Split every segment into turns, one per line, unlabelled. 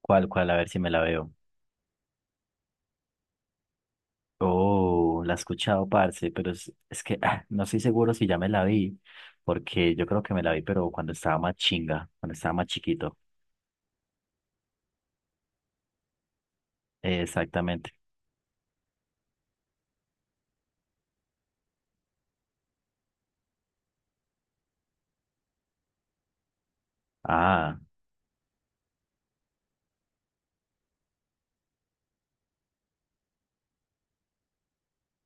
¿Cuál, cuál? A ver si me la veo. Oh, la he escuchado, parce, pero es que no estoy seguro si ya me la vi, porque yo creo que me la vi, pero cuando estaba más chinga, cuando estaba más chiquito. Exactamente. Ah,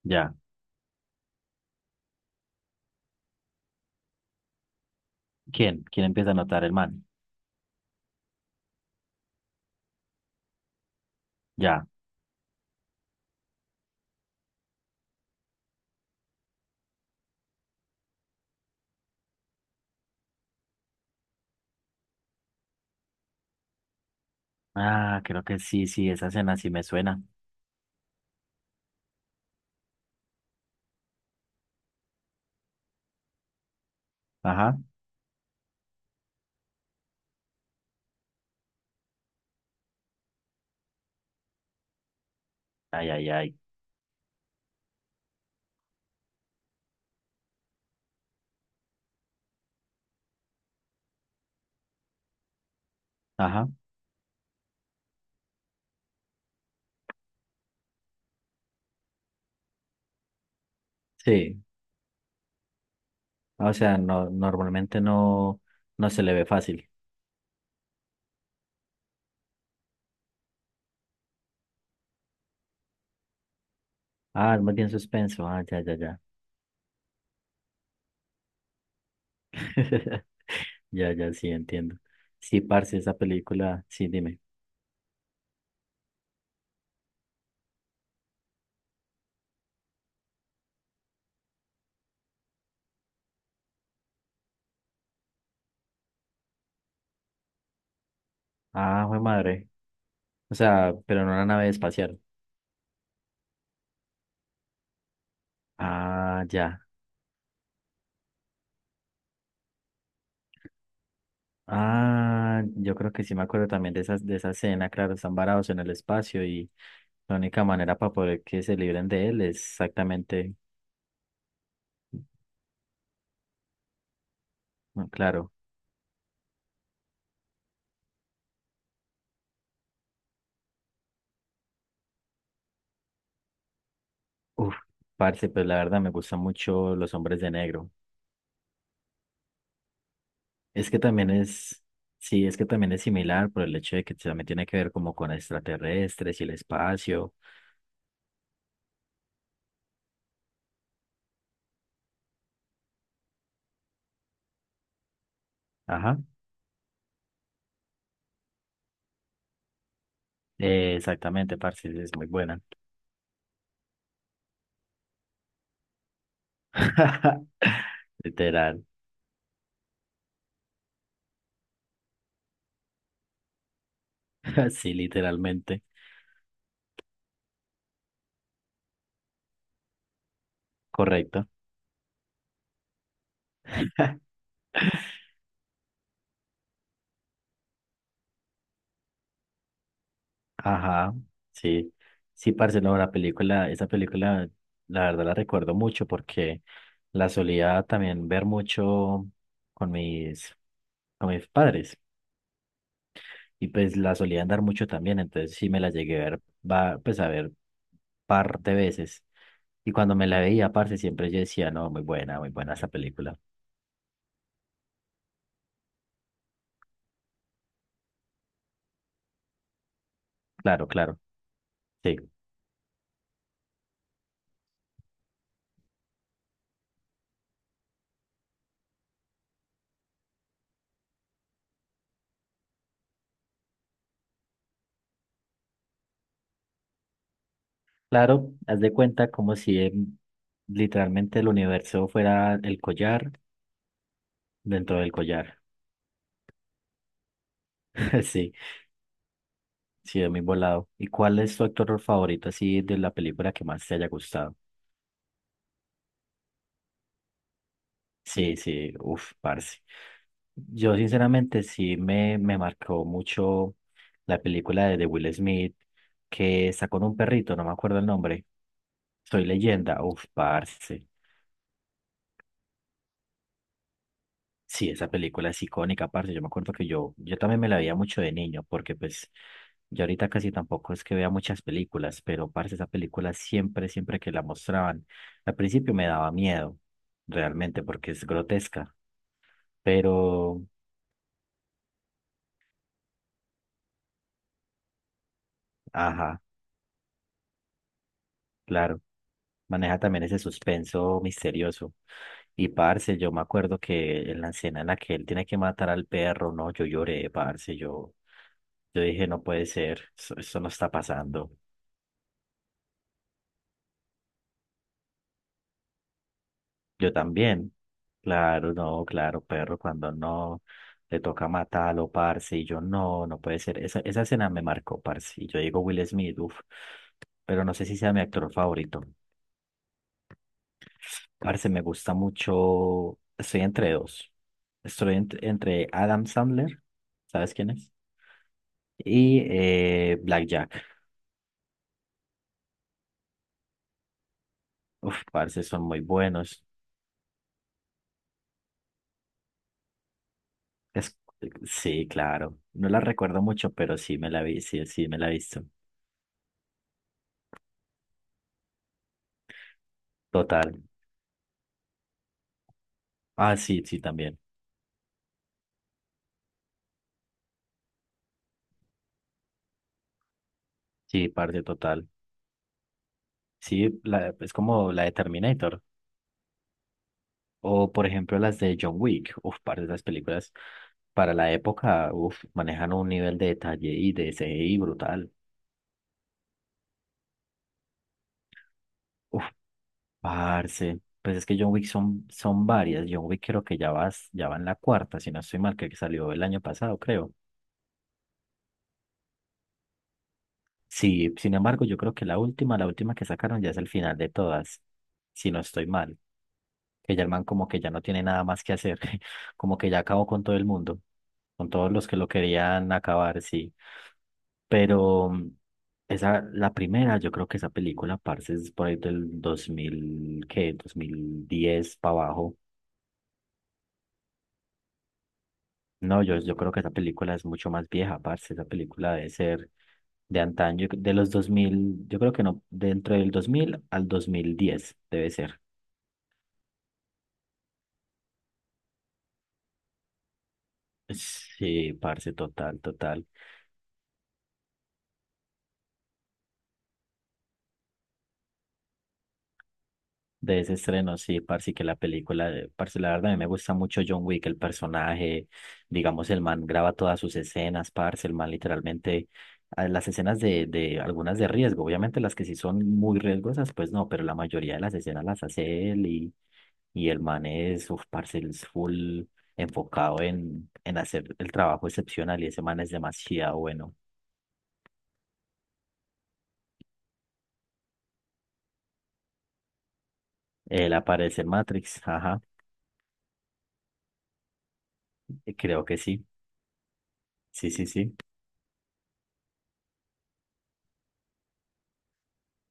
ya. ¿Quién? ¿Quién empieza a notar el man? Ya. Ah, creo que sí, sí, esa escena sí me suena. Ajá. Ay, ay, ay. Ajá. Sí. O sea, no, normalmente no, no se le ve fácil. Ah, es más bien suspenso. Ah, ya, ya, ya. Ya, ya, sí, entiendo. Sí, parce, esa película, sí, dime. Ah, fue madre. O sea, pero no una nave espacial. Ah, ya. Ah, yo creo que sí me acuerdo también de esas, de esa escena, claro, están varados en el espacio y la única manera para poder que se libren de él es exactamente, no, claro. Uf, parce, pues la verdad me gustan mucho los hombres de negro. Es que también es, Sí, es que también es similar por el hecho de que también tiene que ver como con extraterrestres y el espacio. Ajá. Exactamente, parce, es muy buena. Literal. Sí, literalmente. Correcto. Ajá, sí. Sí, parce, no, la película, esa película, la verdad la recuerdo mucho porque la solía también ver mucho con mis, con mis padres y pues la solía andar mucho también, entonces sí me la llegué a ver, va, pues a ver par de veces y cuando me la veía, parce, siempre yo decía, no, muy buena esa película. Claro, claro, sí. Claro, haz de cuenta como si literalmente el universo fuera el collar dentro del collar. Sí, sí, es muy volado. ¿Y cuál es tu actor favorito así de la película que más te haya gustado? Sí, sí, uff, parce. Yo sinceramente sí me marcó mucho la película de Will Smith que está con un perrito, no me acuerdo el nombre. Soy leyenda, uff, parce. Sí, esa película es icónica, parce. Yo me acuerdo que yo también me la veía mucho de niño, porque pues yo ahorita casi tampoco es que vea muchas películas, pero parce, esa película siempre que la mostraban, al principio me daba miedo, realmente, porque es grotesca, pero, ajá, claro, maneja también ese suspenso misterioso. Y parce, yo me acuerdo que en la escena en la que él tiene que matar al perro, no, yo lloré, parce, yo dije, no puede ser, eso no está pasando. Yo también. Claro, no, claro, perro, cuando no le toca matarlo, parce, y yo no puede ser. Esa escena me marcó, parce. Y yo digo Will Smith, uff, pero no sé si sea mi actor favorito. Parce, me gusta mucho. Estoy entre dos. Estoy entre Adam Sandler, ¿sabes quién es? Y Black Jack. Uf, parce, son muy buenos. Es, sí, claro. No la recuerdo mucho, pero sí me la vi, sí, sí me la he visto. Total. Ah, sí, sí, también. Sí, parte total. Sí, es como la de Terminator. O, por ejemplo, las de John Wick. Uf, parte de esas películas para la época, uf, manejan un nivel de detalle y de CGI brutal. Uf, parce. Pues es que John Wick son varias. John Wick creo que ya va en la cuarta, si no estoy mal, que salió el año pasado, creo. Sí, sin embargo, yo creo que la última que sacaron ya es el final de todas, si no estoy mal. Que ya el man como que ya no tiene nada más que hacer, como que ya acabó con todo el mundo, con todos los que lo querían acabar, sí. Pero esa, la primera, yo creo que esa película, parce, es por ahí del 2000, ¿qué? 2010 para abajo. No, yo creo que esa película es mucho más vieja, parce, esa película debe ser de antaño, de los 2000, yo creo que no, dentro del 2000 al 2010 debe ser. Sí, parce, total, total. De ese estreno, sí, parce, que la película, parce, la verdad a mí me gusta mucho John Wick, el personaje, digamos, el man graba todas sus escenas, parce, el man literalmente, las escenas de algunas de riesgo, obviamente las que sí son muy riesgosas, pues no, pero la mayoría de las escenas las hace él y el man es, uf, parce, él es full enfocado en hacer el trabajo excepcional y ese man es demasiado bueno. Él aparece en Matrix, ajá, creo que sí, sí, sí, sí.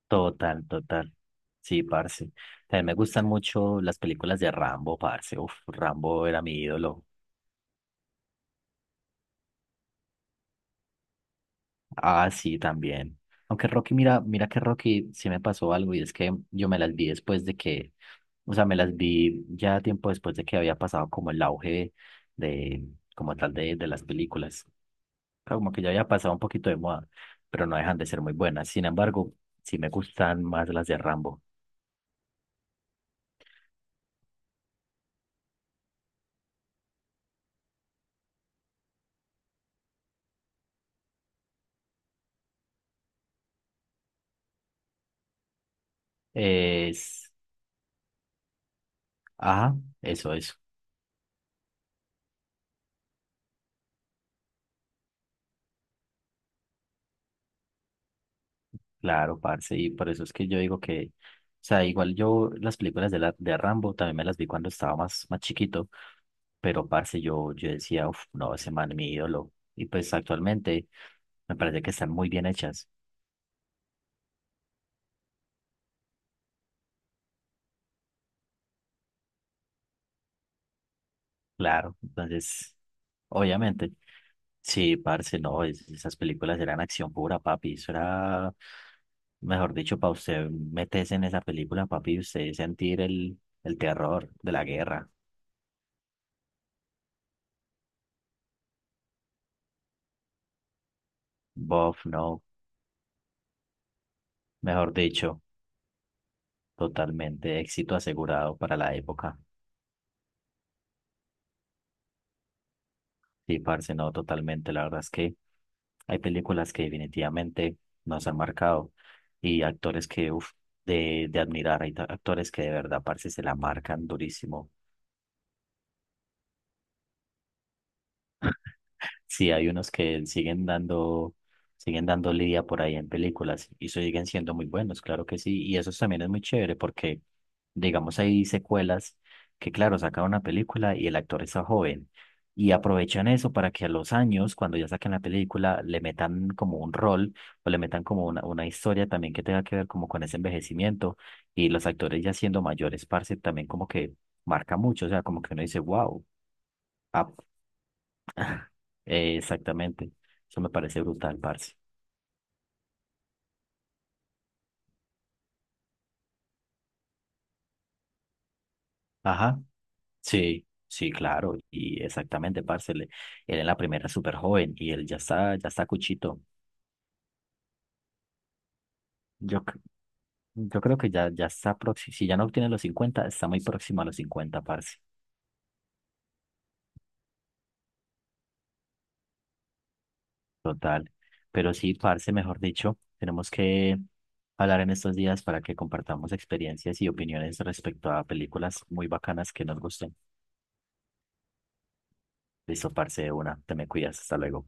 Total, total. Sí, parce. También me gustan mucho las películas de Rambo, parce. Uf, Rambo era mi ídolo. Ah, sí, también. Aunque Rocky, mira, mira que Rocky sí me pasó algo y es que yo me las vi después de que, o sea, me las vi ya tiempo después de que había pasado como el auge de, como tal de las películas. Como que ya había pasado un poquito de moda, pero no dejan de ser muy buenas. Sin embargo, sí me gustan más las de Rambo. Es, ajá, eso, eso. Claro, parce, y por eso es que yo digo que, o sea, igual yo las películas de, la, de Rambo también me las vi cuando estaba más chiquito, pero parce, yo decía, uff, no, ese man es mi ídolo, y pues actualmente me parece que están muy bien hechas, claro, entonces, obviamente, sí, parce, no, esas películas eran acción pura, papi, eso era, mejor dicho, para usted meterse en esa película, papi, y usted sentir el terror de la guerra, bof, no, mejor dicho. Totalmente, éxito asegurado para la época. Sí, parce, no, totalmente. La verdad es que hay películas que definitivamente nos han marcado y actores que, uff, de admirar. Hay actores que de verdad, parce, se la marcan durísimo. Sí, hay unos que siguen dando lidia por ahí en películas y siguen siendo muy buenos, claro que sí. Y eso también es muy chévere porque, digamos, hay secuelas que, claro, sacan una película y el actor está joven y aprovechan eso para que a los años, cuando ya saquen la película, le metan como un rol o le metan como una historia también que tenga que ver como con ese envejecimiento y los actores ya siendo mayores, parce, también como que marca mucho, o sea, como que uno dice, wow. Exactamente. Eso me parece brutal, parce. Ajá. Sí, sí, claro. Y exactamente, parce. Él en la primera es súper joven y él ya está cuchito. Yo, c- yo creo que ya está próximo. Si ya no obtiene los 50 está muy próximo a los 50, parce. Total. Pero sí, parce, mejor dicho, tenemos que hablar en estos días para que compartamos experiencias y opiniones respecto a películas muy bacanas que nos gusten. Listo, parce, de una. Te me cuidas. Hasta luego.